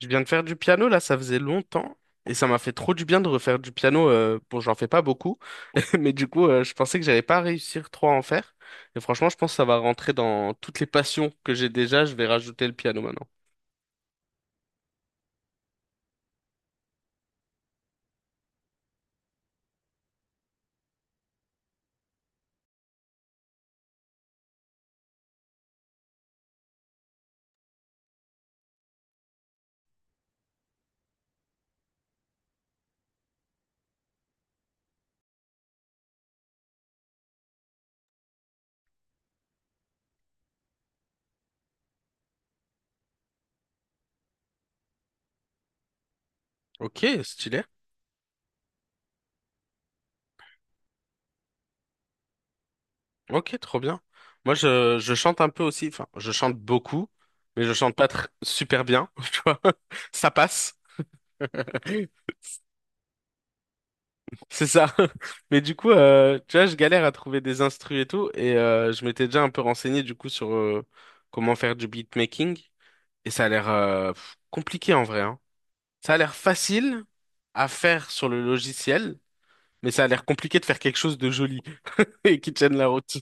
Je viens de faire du piano, là, ça faisait longtemps. Et ça m'a fait trop du bien de refaire du piano. Bon, j'en fais pas beaucoup. Mais du coup, je pensais que j'allais pas réussir trop à en faire. Et franchement, je pense que ça va rentrer dans toutes les passions que j'ai déjà. Je vais rajouter le piano maintenant. Ok, stylé. Ok, trop bien. Moi, je chante un peu aussi. Enfin, je chante beaucoup, mais je chante pas super bien. Tu vois, ça passe. C'est ça. Mais du coup, tu vois, je galère à trouver des instrus et tout, et je m'étais déjà un peu renseigné du coup sur comment faire du beatmaking, et ça a l'air pff, compliqué en vrai, hein. Ça a l'air facile à faire sur le logiciel, mais ça a l'air compliqué de faire quelque chose de joli et qui tienne la route.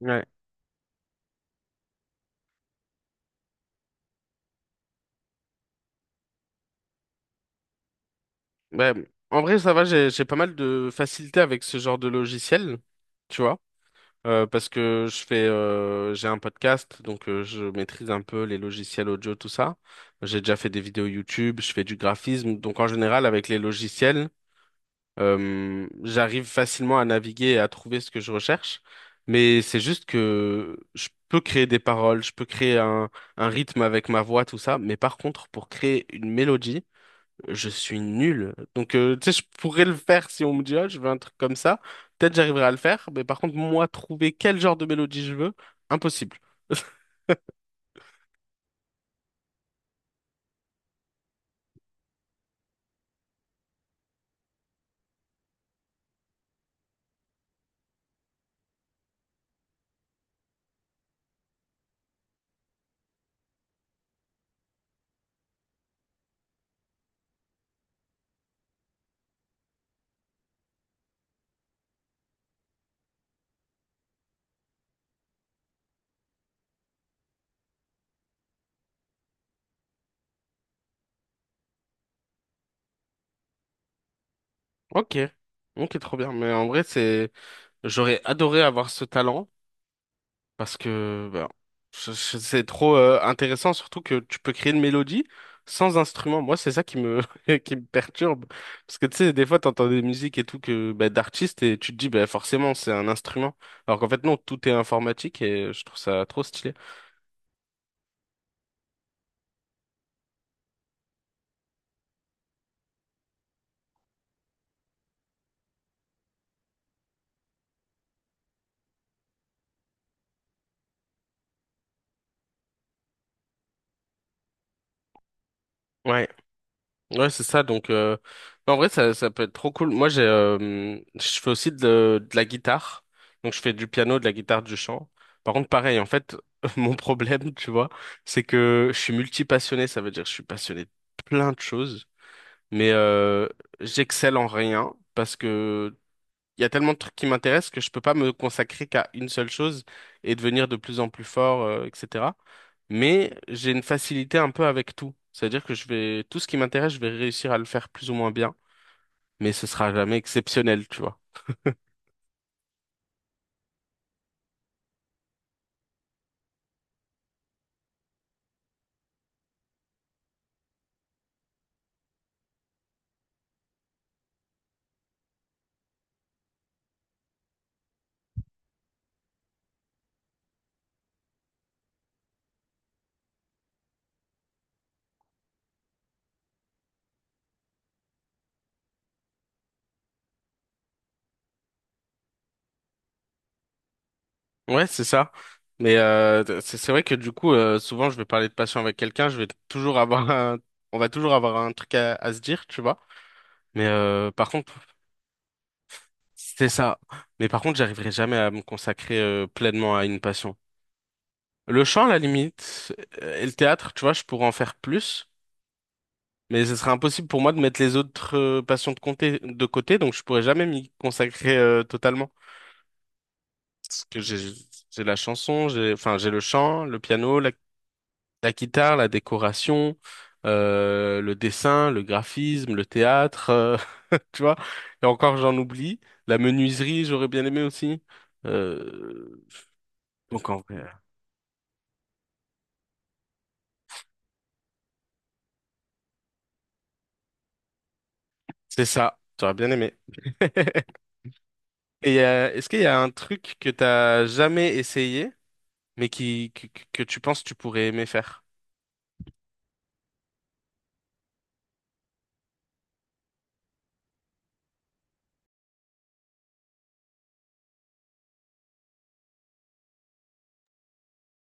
Ouais. Ouais. En vrai, ça va, j'ai pas mal de facilité avec ce genre de logiciel, tu vois. Parce que j'ai un podcast, donc je maîtrise un peu les logiciels audio, tout ça. J'ai déjà fait des vidéos YouTube, je fais du graphisme, donc en général avec les logiciels, j'arrive facilement à naviguer et à trouver ce que je recherche. Mais c'est juste que je peux créer des paroles, je peux créer un rythme avec ma voix, tout ça. Mais par contre, pour créer une mélodie, je suis nul. Donc, tu sais, je pourrais le faire si on me dit, ah, je veux un truc comme ça. Peut-être j'arriverai à le faire. Mais par contre, moi, trouver quel genre de mélodie je veux, impossible. Ok. Ok, trop bien. Mais en vrai, j'aurais adoré avoir ce talent. Parce que bah, c'est trop intéressant, surtout que tu peux créer une mélodie sans instrument. Moi, c'est ça qui me, qui me perturbe. Parce que tu sais, des fois, tu entends des musiques et tout que bah, d'artistes et tu te dis, bah, forcément, c'est un instrument. Alors qu'en fait, non, tout est informatique et je trouve ça trop stylé. Ouais. Ouais, c'est ça. Donc, en vrai, ça peut être trop cool. Moi, je fais aussi de la guitare. Donc, je fais du piano, de la guitare, du chant. Par contre, pareil, en fait, mon problème, tu vois, c'est que je suis multipassionné. Ça veut dire que je suis passionné de plein de choses, mais j'excelle en rien parce que il y a tellement de trucs qui m'intéressent que je peux pas me consacrer qu'à une seule chose et devenir de plus en plus fort, etc mais j'ai une facilité un peu avec tout. C'est-à-dire que je vais, tout ce qui m'intéresse, je vais réussir à le faire plus ou moins bien, mais ce sera jamais exceptionnel, tu vois. Ouais, c'est ça. Mais c'est vrai que du coup, souvent, je vais parler de passion avec quelqu'un, je vais toujours avoir un, on va toujours avoir un truc à se dire, tu vois. Mais par contre, c'est ça. Mais par contre, j'arriverai jamais à me consacrer pleinement à une passion. Le chant, à la limite, et le théâtre, tu vois, je pourrais en faire plus, mais ce serait impossible pour moi de mettre les autres passions de côté, donc je pourrais jamais m'y consacrer totalement. Parce que j'ai la chanson, j'ai le chant, le piano, la guitare, la décoration, le dessin, le graphisme, le théâtre, tu vois. Et encore, j'en oublie. La menuiserie, j'aurais bien aimé aussi. Euh, donc en vrai, c'est ça. J'aurais bien aimé. Et est-ce qu'il y a un truc que t'as jamais essayé, mais que tu penses que tu pourrais aimer faire?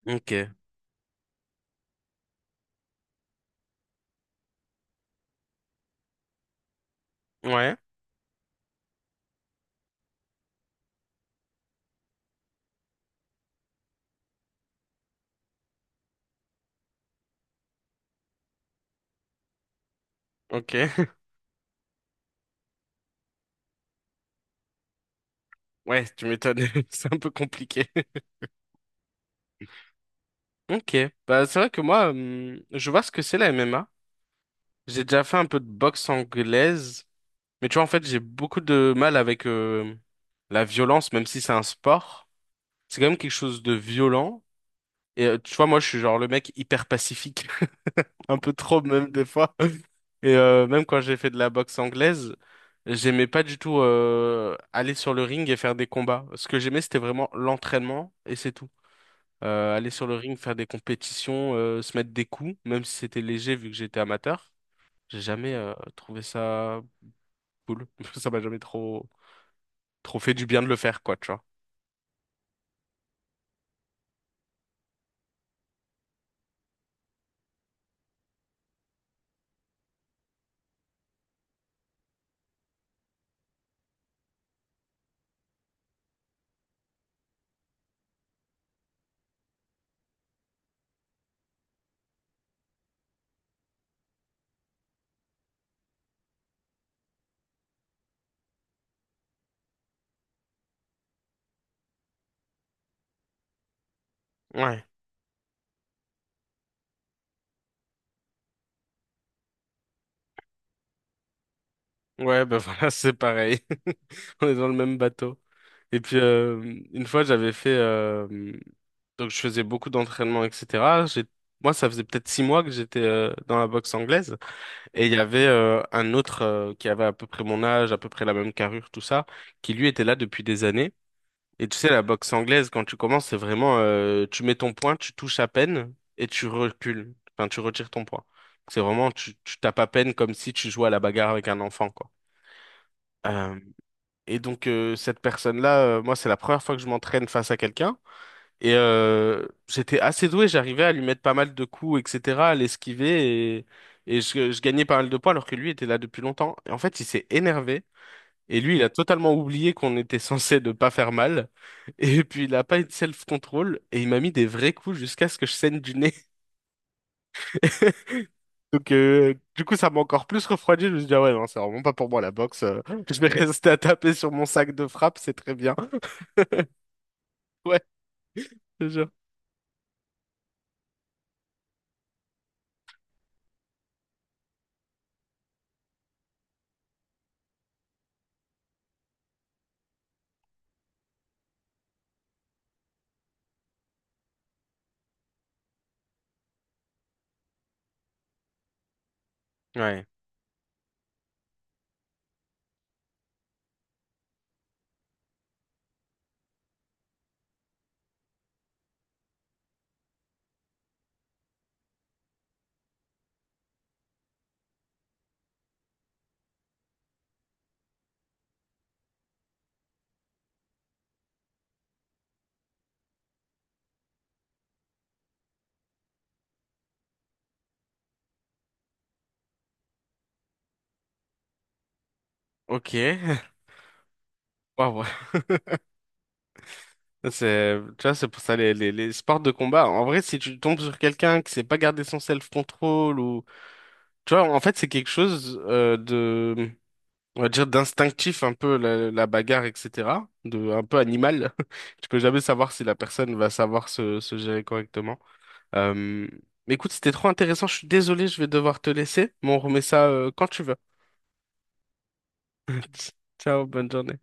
Ok. Ouais. Ok. Ouais, tu m'étonnes. C'est un peu compliqué. Ok. Bah c'est vrai que moi, je vois ce que c'est la MMA. J'ai déjà fait un peu de boxe anglaise, mais tu vois en fait j'ai beaucoup de mal avec la violence, même si c'est un sport. C'est quand même quelque chose de violent. Et tu vois moi je suis genre le mec hyper pacifique. Un peu trop même des fois. Et même quand j'ai fait de la boxe anglaise, j'aimais pas du tout aller sur le ring et faire des combats. Ce que j'aimais, c'était vraiment l'entraînement et c'est tout. Aller sur le ring, faire des compétitions, se mettre des coups, même si c'était léger vu que j'étais amateur. J'ai jamais trouvé ça cool. Ça m'a jamais trop fait du bien de le faire, quoi, tu vois. Ouais, ouais, ben voilà, c'est pareil. On est dans le même bateau. Et puis une fois j'avais fait donc je faisais beaucoup d'entraînement etc. J'ai Moi ça faisait peut-être 6 mois que j'étais dans la boxe anglaise et il y avait un autre qui avait à peu près mon âge à peu près la même carrure tout ça qui lui était là depuis des années et tu sais la boxe anglaise quand tu commences c'est vraiment tu mets ton poing tu touches à peine et tu recules enfin tu retires ton poing c'est vraiment tu tapes à peine comme si tu jouais à la bagarre avec un enfant quoi. Euh, et donc cette personne-là, moi c'est la première fois que je m'entraîne face à quelqu'un. Et j'étais assez doué, j'arrivais à lui mettre pas mal de coups, etc., à l'esquiver. Et je gagnais pas mal de points alors que lui était là depuis longtemps. Et en fait il s'est énervé. Et lui il a totalement oublié qu'on était censé ne pas faire mal. Et puis il a pas eu de self-control. Et il m'a mis des vrais coups jusqu'à ce que je saigne du nez. Donc du coup ça m'a encore plus refroidi. Je me suis dit ah ouais non c'est vraiment pas pour moi la boxe. Je vais rester à taper sur mon sac de frappe, c'est très bien. Ouais. Je te jure. Ouais. Ok. Waouh. C'est, tu vois, c'est pour ça les sports de combat. En vrai, si tu tombes sur quelqu'un qui sait pas garder son self-control ou, tu vois, en fait, c'est quelque chose on va dire d'instinctif un peu la bagarre, etc. De un peu animal. Tu peux jamais savoir si la personne va savoir se gérer correctement. Euh, mais écoute, c'était trop intéressant. Je suis désolé, je vais devoir te laisser, mais on remet ça quand tu veux. Ciao, bonne journée.